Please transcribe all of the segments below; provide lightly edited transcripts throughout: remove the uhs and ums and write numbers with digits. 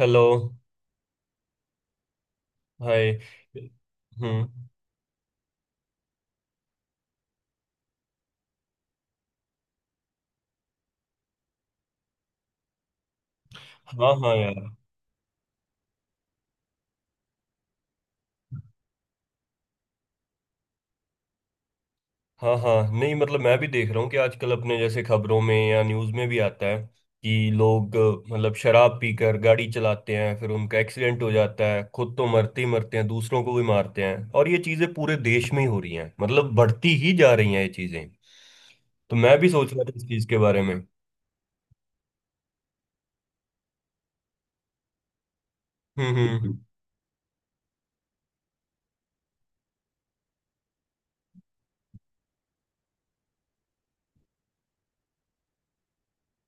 Hello. Hi. हम्म। हाँ हाँ यार। हाँ हाँ नहीं, मतलब मैं भी देख रहा हूँ कि आजकल अपने जैसे खबरों में या न्यूज़ में भी आता है कि लोग मतलब शराब पीकर गाड़ी चलाते हैं, फिर उनका एक्सीडेंट हो जाता है, खुद तो मरते ही मरते हैं दूसरों को भी मारते हैं। और ये चीज़ें पूरे देश में ही हो रही हैं, मतलब बढ़ती ही जा रही हैं ये चीज़ें। तो मैं भी सोच रहा था इस चीज़ के बारे में। हम्म। हम्म।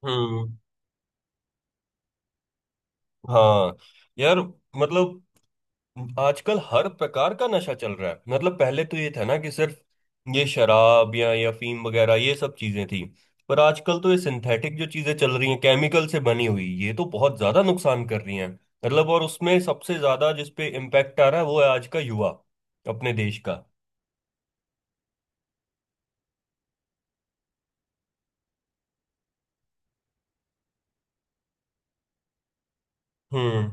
हम्म। हाँ यार। मतलब आजकल हर प्रकार का नशा चल रहा है, मतलब पहले तो ये था ना कि सिर्फ ये शराब या अफीम वगैरह ये सब चीजें थी। पर आजकल तो ये सिंथेटिक जो चीजें चल रही हैं केमिकल से बनी हुई, ये तो बहुत ज्यादा नुकसान कर रही हैं। मतलब और उसमें सबसे ज्यादा जिस पे इम्पैक्ट आ रहा है वो है आज का युवा, अपने देश का। हम्म।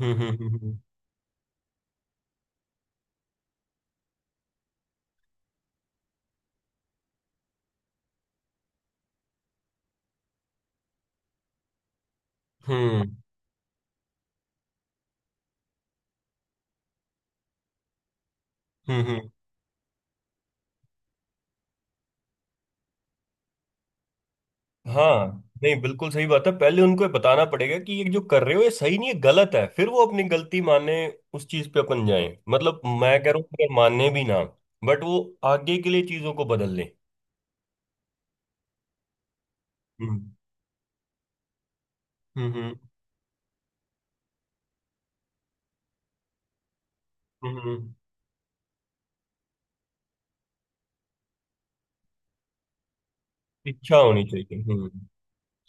हम्म। हम्म। हम्म। हम्म। हम्म। हम्म। हम्म। हाँ नहीं, बिल्कुल सही बात है। पहले उनको ये बताना पड़ेगा कि ये जो कर रहे हो ये सही नहीं है, गलत है, फिर वो अपनी गलती माने, उस चीज पे अपन जाए। मतलब मैं कह रहा हूँ अगर माने भी ना, बट वो आगे के लिए चीजों को बदल ले। हम्म। हम्म। हम्म। हम्म। हम्म। इच्छा होनी चाहिए। हम्म।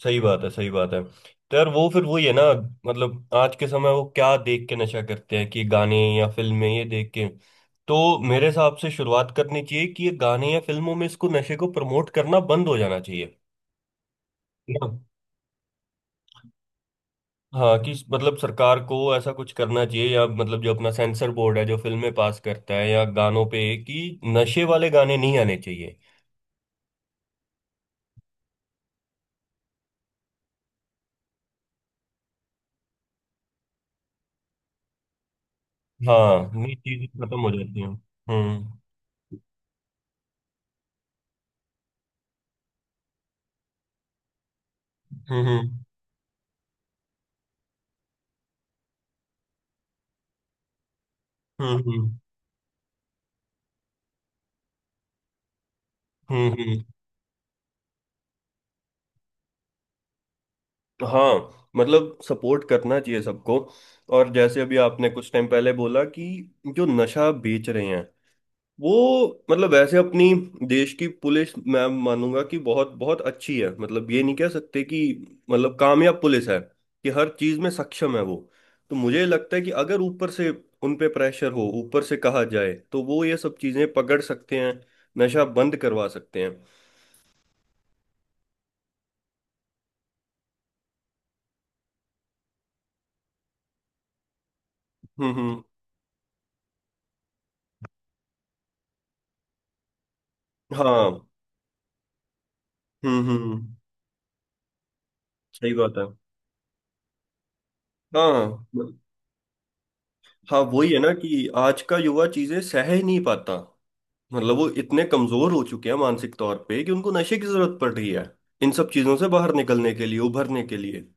सही बात है, सही बात है। तो यार वो फिर वही है ना, मतलब आज के समय वो क्या देख के नशा करते हैं? कि गाने या फिल्में ये देख के। तो मेरे हिसाब से शुरुआत करनी चाहिए कि ये गाने या फिल्मों में इसको नशे को प्रमोट करना बंद हो जाना चाहिए। हाँ। हाँ, कि मतलब सरकार को ऐसा कुछ करना चाहिए, या मतलब जो अपना सेंसर बोर्ड है जो फिल्में पास करता है या गानों पे, कि नशे वाले गाने नहीं आने चाहिए। हाँ, ये चीजें खत्म हो जाती हैं। हम्म। हम्म। हम्म। हम्म। हम्म। हम्म। हम्म। हाँ, मतलब सपोर्ट करना चाहिए सबको। और जैसे अभी आपने कुछ टाइम पहले बोला कि जो नशा बेच रहे हैं, वो मतलब वैसे अपनी देश की पुलिस मैं मानूंगा कि बहुत बहुत अच्छी है, मतलब ये नहीं कह सकते कि मतलब कामयाब पुलिस है कि हर चीज में सक्षम है वो। तो मुझे लगता है कि अगर ऊपर से उन पे प्रेशर हो, ऊपर से कहा जाए तो वो ये सब चीजें पकड़ सकते हैं, नशा बंद करवा सकते हैं। हम्म। हम्म। हाँ। हम्म। हम्म। हम्म। सही बात है। हाँ। हाँ वही है ना कि आज का युवा चीजें सह ही नहीं पाता। मतलब वो इतने कमजोर हो चुके हैं मानसिक तौर पे कि उनको नशे की जरूरत पड़ रही है, इन सब चीजों से बाहर निकलने के लिए, उभरने के लिए।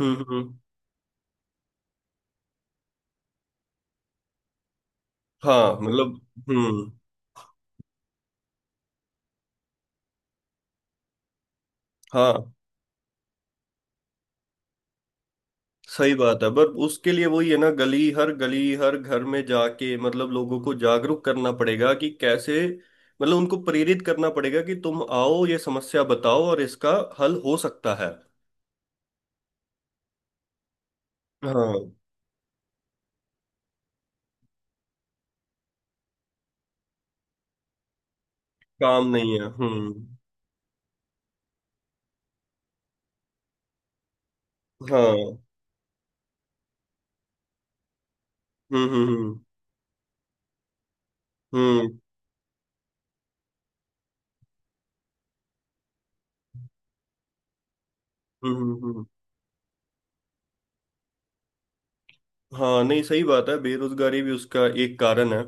हम्म। हम्म। हाँ, मतलब। हम्म। हाँ सही बात है, पर उसके लिए वही है ना, गली हर घर में जाके मतलब लोगों को जागरूक करना पड़ेगा कि कैसे, मतलब उनको प्रेरित करना पड़ेगा कि तुम आओ ये समस्या बताओ और इसका हल हो सकता है। हाँ। काम नहीं है। हम्म। हाँ। हम्म। हम्म। हम्म। हम्म। हम्म। हम्म। हम्म। हाँ नहीं, सही बात है, बेरोजगारी भी उसका एक कारण है।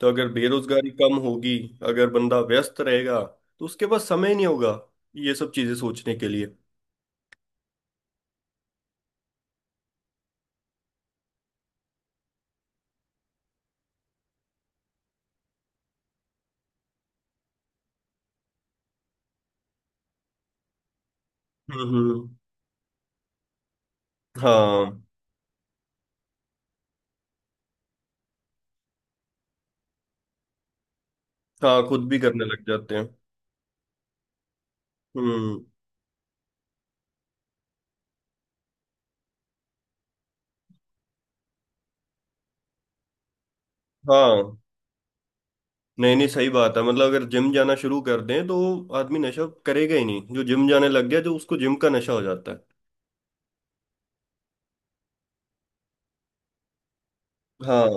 तो अगर बेरोजगारी कम होगी, अगर बंदा व्यस्त रहेगा, तो उसके पास समय नहीं होगा ये सब चीजें सोचने के लिए। हम्म। हम्म। हाँ। हाँ, खुद भी करने लग जाते हैं। हम्म। हाँ। नहीं नहीं सही बात है, मतलब अगर जिम जाना शुरू कर दें तो आदमी नशा करेगा ही नहीं। जो जिम जाने लग गया, जो उसको जिम का नशा हो जाता है। हाँ।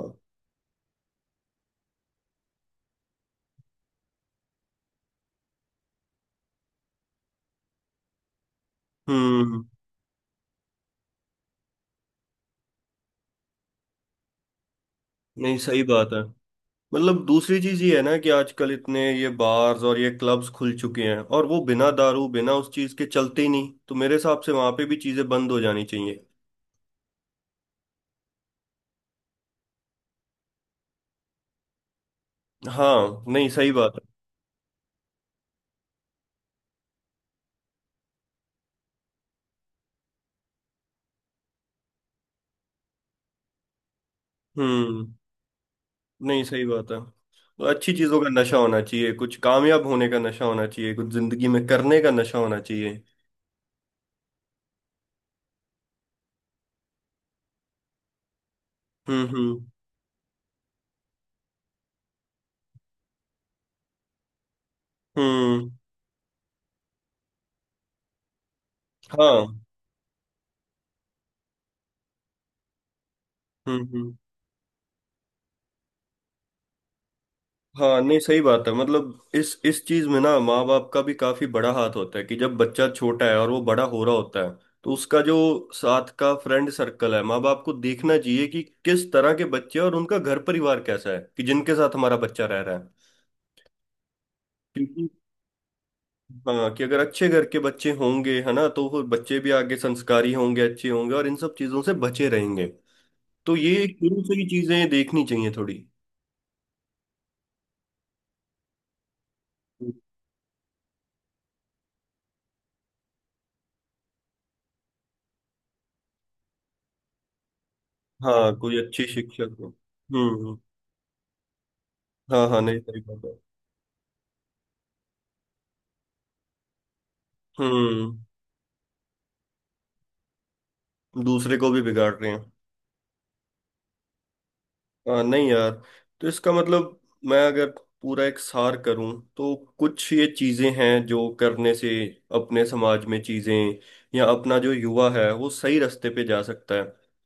हम्म। नहीं सही बात है, मतलब दूसरी चीज ये है ना कि आजकल इतने ये बार्स और ये क्लब्स खुल चुके हैं और वो बिना दारू बिना उस चीज के चलते ही नहीं, तो मेरे हिसाब से वहां पे भी चीजें बंद हो जानी चाहिए। हाँ। नहीं सही बात है। हम्म। नहीं सही बात है, तो अच्छी चीजों का नशा होना चाहिए, कुछ कामयाब होने का नशा होना चाहिए, कुछ जिंदगी में करने का नशा होना चाहिए। हम्म। हम्म। हम्म। हाँ। हम्म। हम्म। हाँ नहीं सही बात है, मतलब इस चीज में ना माँ बाप का भी काफी बड़ा हाथ होता है कि जब बच्चा छोटा है और वो बड़ा हो रहा होता है, तो उसका जो साथ का फ्रेंड सर्कल है, माँ बाप को देखना चाहिए कि किस तरह के बच्चे हैं और उनका घर परिवार कैसा है कि जिनके साथ हमारा बच्चा रह रहा है। क्योंकि हाँ, कि अगर अच्छे घर के बच्चे होंगे है ना, तो वो बच्चे भी आगे संस्कारी होंगे, अच्छे होंगे और इन सब चीजों से बचे रहेंगे। तो ये शुरू से ही चीजें देखनी चाहिए थोड़ी। हाँ कोई अच्छी शिक्षक हो। हम्म। हम्म। हाँ हाँ नहीं सही बात है। हम्म। दूसरे को भी बिगाड़ रहे हैं। हाँ नहीं यार, तो इसका मतलब, मैं अगर पूरा एक सार करूं तो कुछ ये चीजें हैं जो करने से अपने समाज में चीजें, या अपना जो युवा है वो सही रास्ते पे जा सकता है।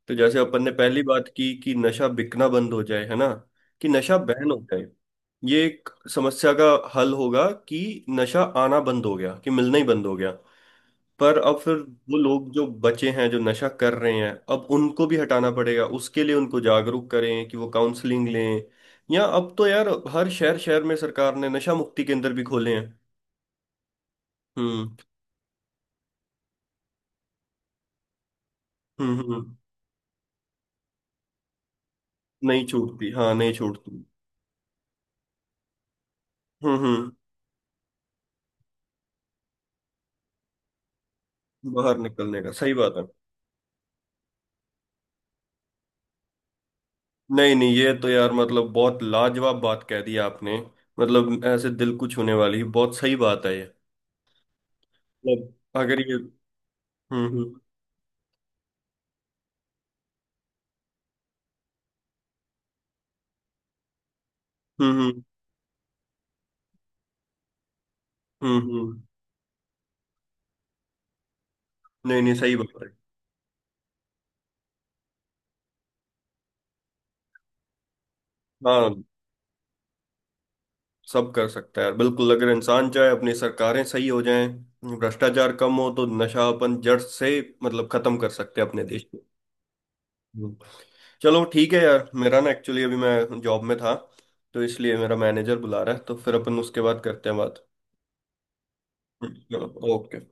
तो जैसे अपन ने पहली बात की कि नशा बिकना बंद हो जाए है ना, कि नशा बैन हो जाए। ये एक समस्या का हल होगा कि नशा आना बंद हो गया, कि मिलना ही बंद हो गया। पर अब फिर वो लोग जो बचे हैं जो नशा कर रहे हैं, अब उनको भी हटाना पड़ेगा, उसके लिए उनको जागरूक करें कि वो काउंसलिंग लें। या अब तो यार हर शहर शहर में सरकार ने नशा मुक्ति केंद्र भी खोले हैं। हम्म। हम्म। हम्म। नहीं छूटती, हाँ नहीं छूटती। हम्म। हम्म। बाहर निकलने का सही बात है। नहीं नहीं ये तो यार मतलब बहुत लाजवाब बात कह दी आपने, मतलब ऐसे दिल को छूने वाली बहुत सही बात है ये। मतलब अगर ये। हम्म। हम्म। हम्म। हम्म। हम्म। हम्म। हम्म। हम्म। नहीं नहीं सही बात है। हाँ सब कर सकता है यार, बिल्कुल अगर इंसान चाहे, अपनी सरकारें सही हो जाएं, भ्रष्टाचार कम हो तो नशा अपन जड़ से मतलब खत्म कर सकते हैं अपने देश में। हम्म। चलो ठीक है यार, मेरा ना एक्चुअली अभी मैं जॉब में था, तो इसलिए मेरा मैनेजर बुला रहा है, तो फिर अपन उसके बाद करते हैं बात। चलो। ओके।